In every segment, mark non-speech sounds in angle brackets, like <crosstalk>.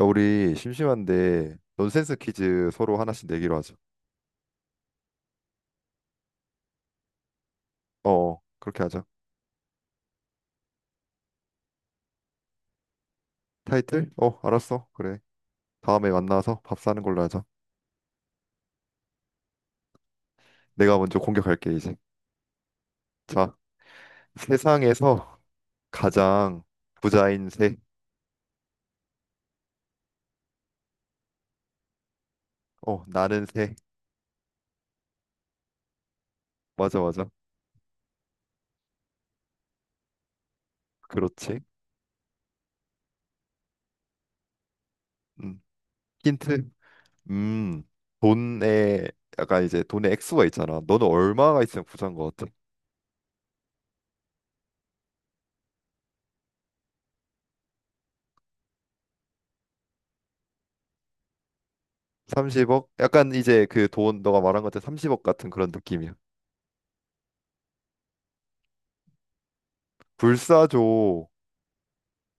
야, 우리 심심한데 논센스 퀴즈 서로 하나씩 내기로 하자. 어, 그렇게 하자. 타이틀? 어, 알았어. 그래. 다음에 만나서 밥 사는 걸로 하자. 내가 먼저 공격할게 이제. 자, 세상에서 가장 부자인 새. 어, 나는 새. 맞아, 맞아. 그렇지. 음. 힌트. 음, 돈에 약간 이제 돈의 액수가 있잖아. 너는 얼마가 있으면 부자인 것 같아? 30억? 약간 이제 그 돈 너가 말한 것처럼 30억 같은 그런 느낌이야. 불사조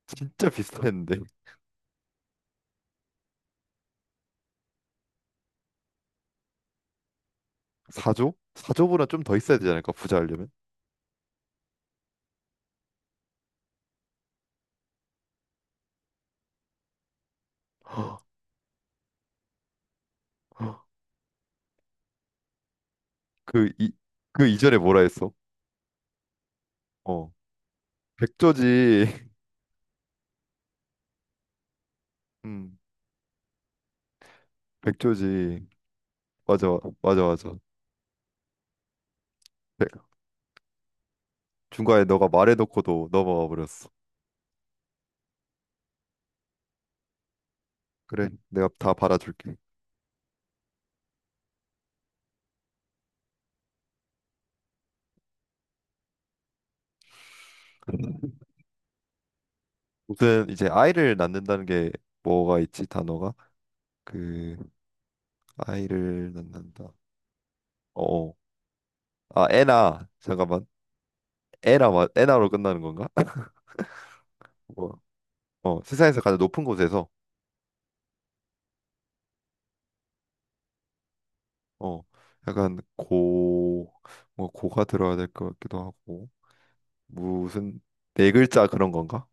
진짜 비슷했는데 <laughs> 4조? 4조보다 좀 더 있어야 되지 않을까 부자 하려면? <gasps> 그 이 그 이전에 뭐라 했어? 어. 백조지 <laughs> 음. 백조지. 맞아. 맞아. 네, 중간에 너가 말해놓고도 넘어가 버렸어. 그래, 내가 다 받아줄게. 무슨 이제 아이를 낳는다는 게 뭐가 있지 단어가. 그 아이를 낳는다. 어아. 에나 잠깐만. 에나로 끝나는 건가? <laughs> 뭐, 어 세상에서 가장 높은 곳에서. 어, 약간 뭐 고가 들어야 될 것 같기도 하고. 무슨 네 글자 그런 건가?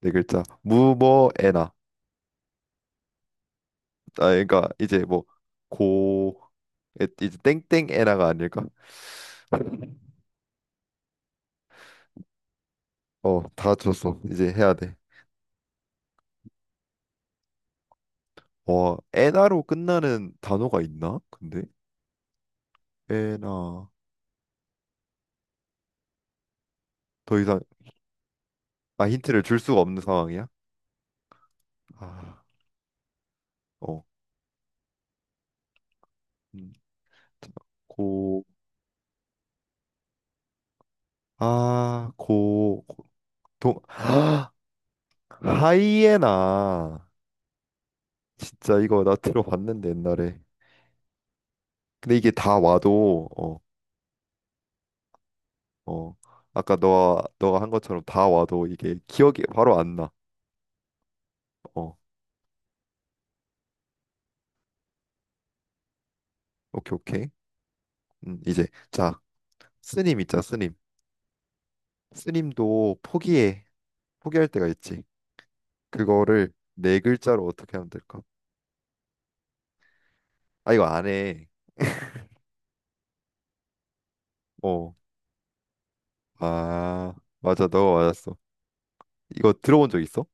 네 글자 무뭐에나. 아 그러니까 이제 뭐. 고. 이제 땡땡에나가 아닐까? 어, 다 줬어. 이제 해야 돼. 어, 에나로 끝나는 단어가 있나? 근데 에나. 더 이상. 아, 힌트를 줄 수가 없는 상황이야. 아, 어, 음, 고, 아, 고, 고- 동, <gasps> 하이에나. 진짜 이거 나 들어봤는데 옛날에. 근데 이게 다 와도 어. 어, 아까 너 너가 한 것처럼 다 와도 이게 기억이 바로 안나어. 오케이 오케이. 음, 이제 자, 스님 있자 스님. 스님도 포기해. 포기할 때가 있지. 그거를 네 글자로 어떻게 하면 될까. 아 이거 안 해, 어, 아. 맞아, 너가 맞았어. 이거 들어본 적 있어?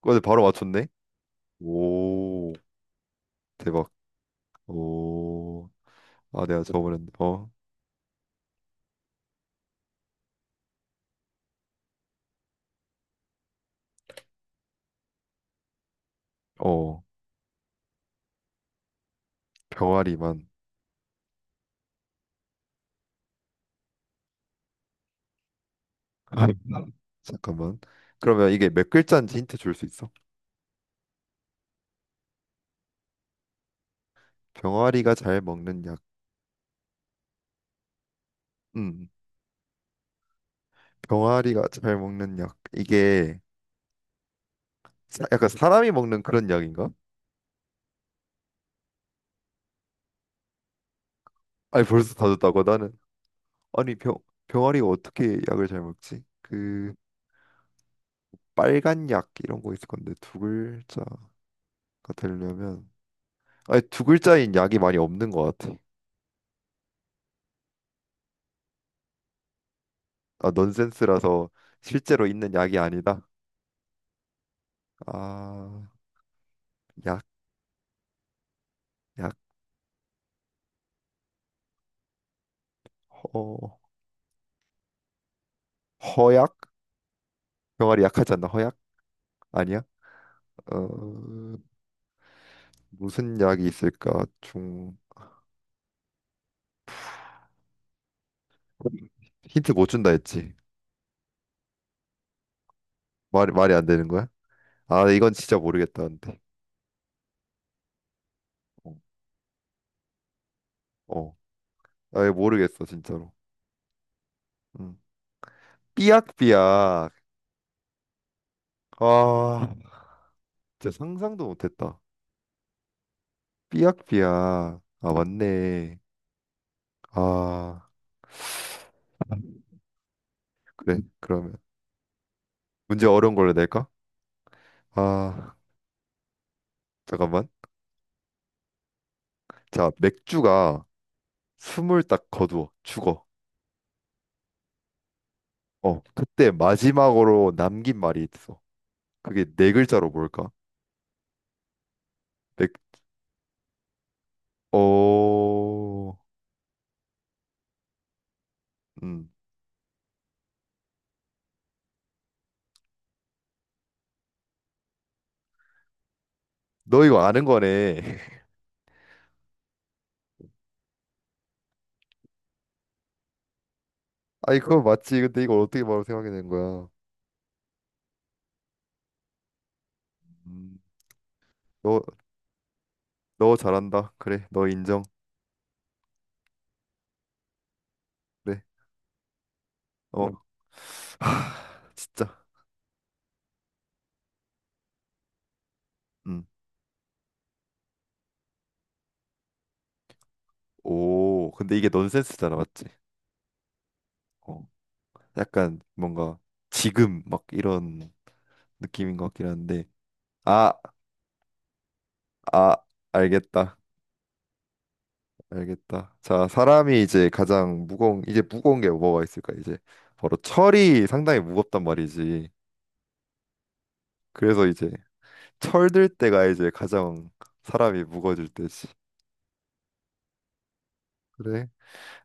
근데 바로 맞췄네. 오, 대박. 오, 아, 내가 저번에 어, 어, 병아리만. 아, <laughs> 잠깐만. 그러면 이게 몇 글자인지 힌트 줄 수 있어? 병아리가 잘 먹는 약. 음, 병아리가 잘 먹는 약. 이게 약간 사람이 먹는 그런 약인가? 아니, 벌써 다 줬다고 나는. 아니, 병 병아리가 어떻게 약을 잘 먹지? 그 빨간 약 이런 거 있을 건데 두 글자가 되려면, 아니, 두 글자인 약이 많이 없는 것 같아. 아, 넌센스라서 실제로 있는 약이 아니다. 아. 약, 약, 허, 허약? 병아리 약하지 않나? 허약? 아니야? 어, 무슨 약이 있을까? 중, 힌트 못 준다 했지. 말이, 말이 안 되는 거야? 아, 이건 진짜 모르겠다, 근데. 어, 어. 아, 이거 모르겠어, 진짜로. 음. 삐약삐약. 아, 진짜 상상도 못했다. 삐약삐약. 아, 맞네. 아, 그래. 그러면 문제 어려운 걸로 낼까? 아, 잠깐만. 자, 맥주가 숨을 딱 거두어 죽어. 어, 그때 마지막으로 남긴 말이 있어. 그게 네 글자로 뭘까? 맥, 어, 음, 너 이거 아는 거네. <laughs> 아이 그거 맞지? 근데 이걸 어떻게 바로 생각이 된 거야? 음, 너, 너 잘한다. 그래, 너 인정. 그래, 어, <laughs> 하, 진짜. 음, 오, 근데 이게 넌센스잖아, 맞지? 어, 약간 뭔가 지금 막 이런 느낌인 것 같긴 한데, 아, 아, 알겠다. 알겠다. 자, 사람이 이제 가장 무거운 이제 무거운 게 뭐가 있을까? 이제 바로 철이 상당히 무겁단 말이지. 그래서 이제 철들 때가 이제 가장 사람이 무거워질 때지. 그래?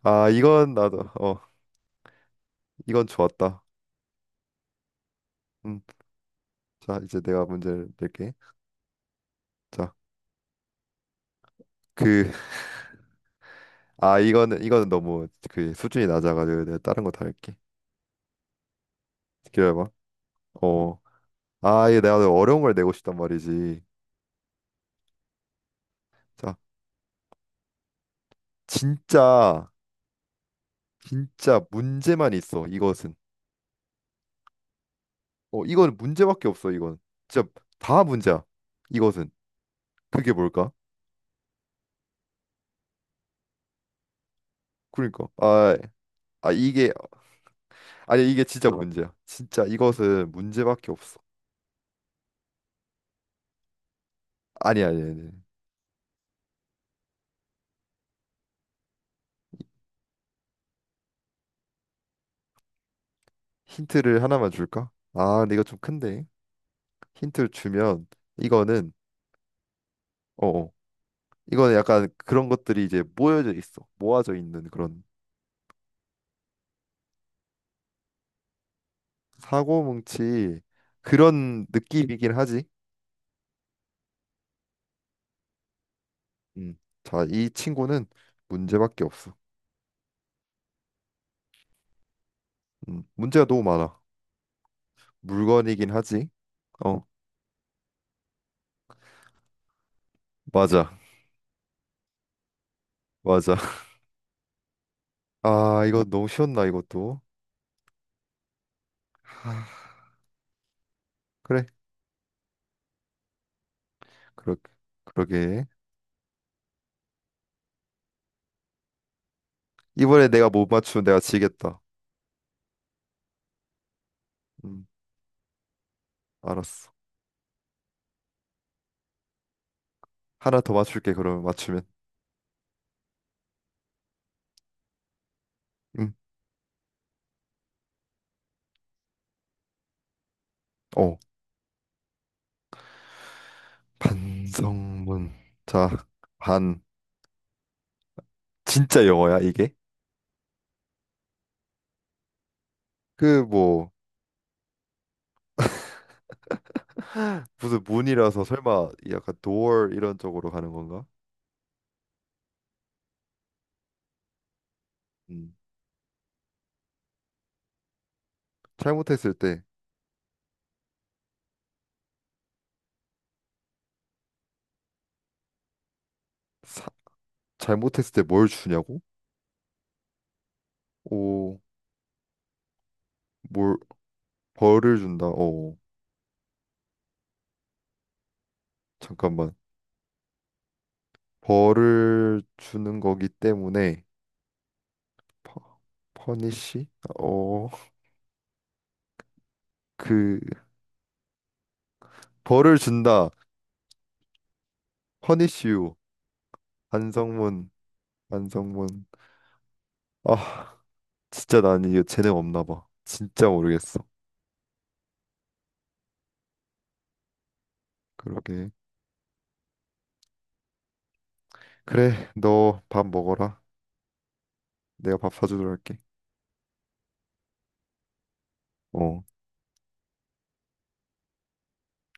아, 이건 나도 어, 이건 좋았다. 음. 자, 이제 내가 문제를 낼게. 자, 그, 아, 이거는 너무 그 수준이 낮아가지고 내가 다른 거 다 할게. 기다려봐. 어. 아, 이게 내가 어려운 걸 내고 싶단 말이지. 자, 진짜. 진짜 문제만 있어. 이것은. 어, 이거는 문제밖에 없어, 이건. 진짜 다 문제야. 이것은. 그게 뭘까? 그러니까. 아, 아 이게, 아니 이게 진짜 문제야. 진짜 이것은 문제밖에 없어. 아니. 힌트를 하나만 줄까? 아, 근데 이거 좀 큰데. 힌트를 주면 이거는, 어, 어. 이거는 약간 그런 것들이 이제 모여져 있어. 모아져 있는 그런. 사고뭉치 그런 느낌이긴 하지. 음. 자, 이 친구는 문제밖에 없어. 문제가 너무 많아. 물건이긴 하지. 어, 맞아. 맞아. <laughs> 아, 이거 너무 쉬웠나, 이것도. 아, 그래. 그러, 그러게. 이번에 내가 못 맞추면 내가 지겠다. 음, 알았어. 하나 더 맞출게, 그러면 맞추면. 음, 어, 반성문. 자, 반. 진짜 영어야, 이게? 그, 뭐, 무슨 문이라서 설마 약간 door 이런 쪽으로 가는 건가? 음, 잘못했을 때. 사- 잘못했을 때 뭘 주냐고? 오, 뭘, 벌을 준다. 어, 잠깐만. 벌을 주는 거기 때문에 퍼, 퍼니시? 어, 그 벌을 준다. 퍼니시유. 반성문, 반성문. 아, 진짜 난 이거 재능 없나 봐. 진짜 모르겠어. 그러게. 그래, 너 밥 먹어라. 내가 밥 사주도록 할게. 어,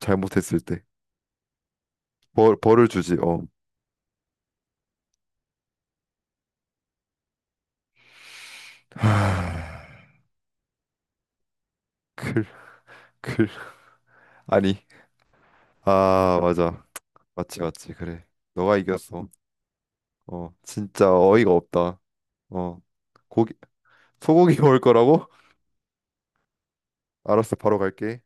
잘못했을 때. 벌을 주지. 어. <sighs> 하, 클, 클. 아니. 아, 맞아. 맞지, 맞지. 그래. 너가 이겼어. 어, 진짜 어이가 없다. 어, 고기, 소고기 먹을 거라고? <laughs> 알았어, 바로 갈게.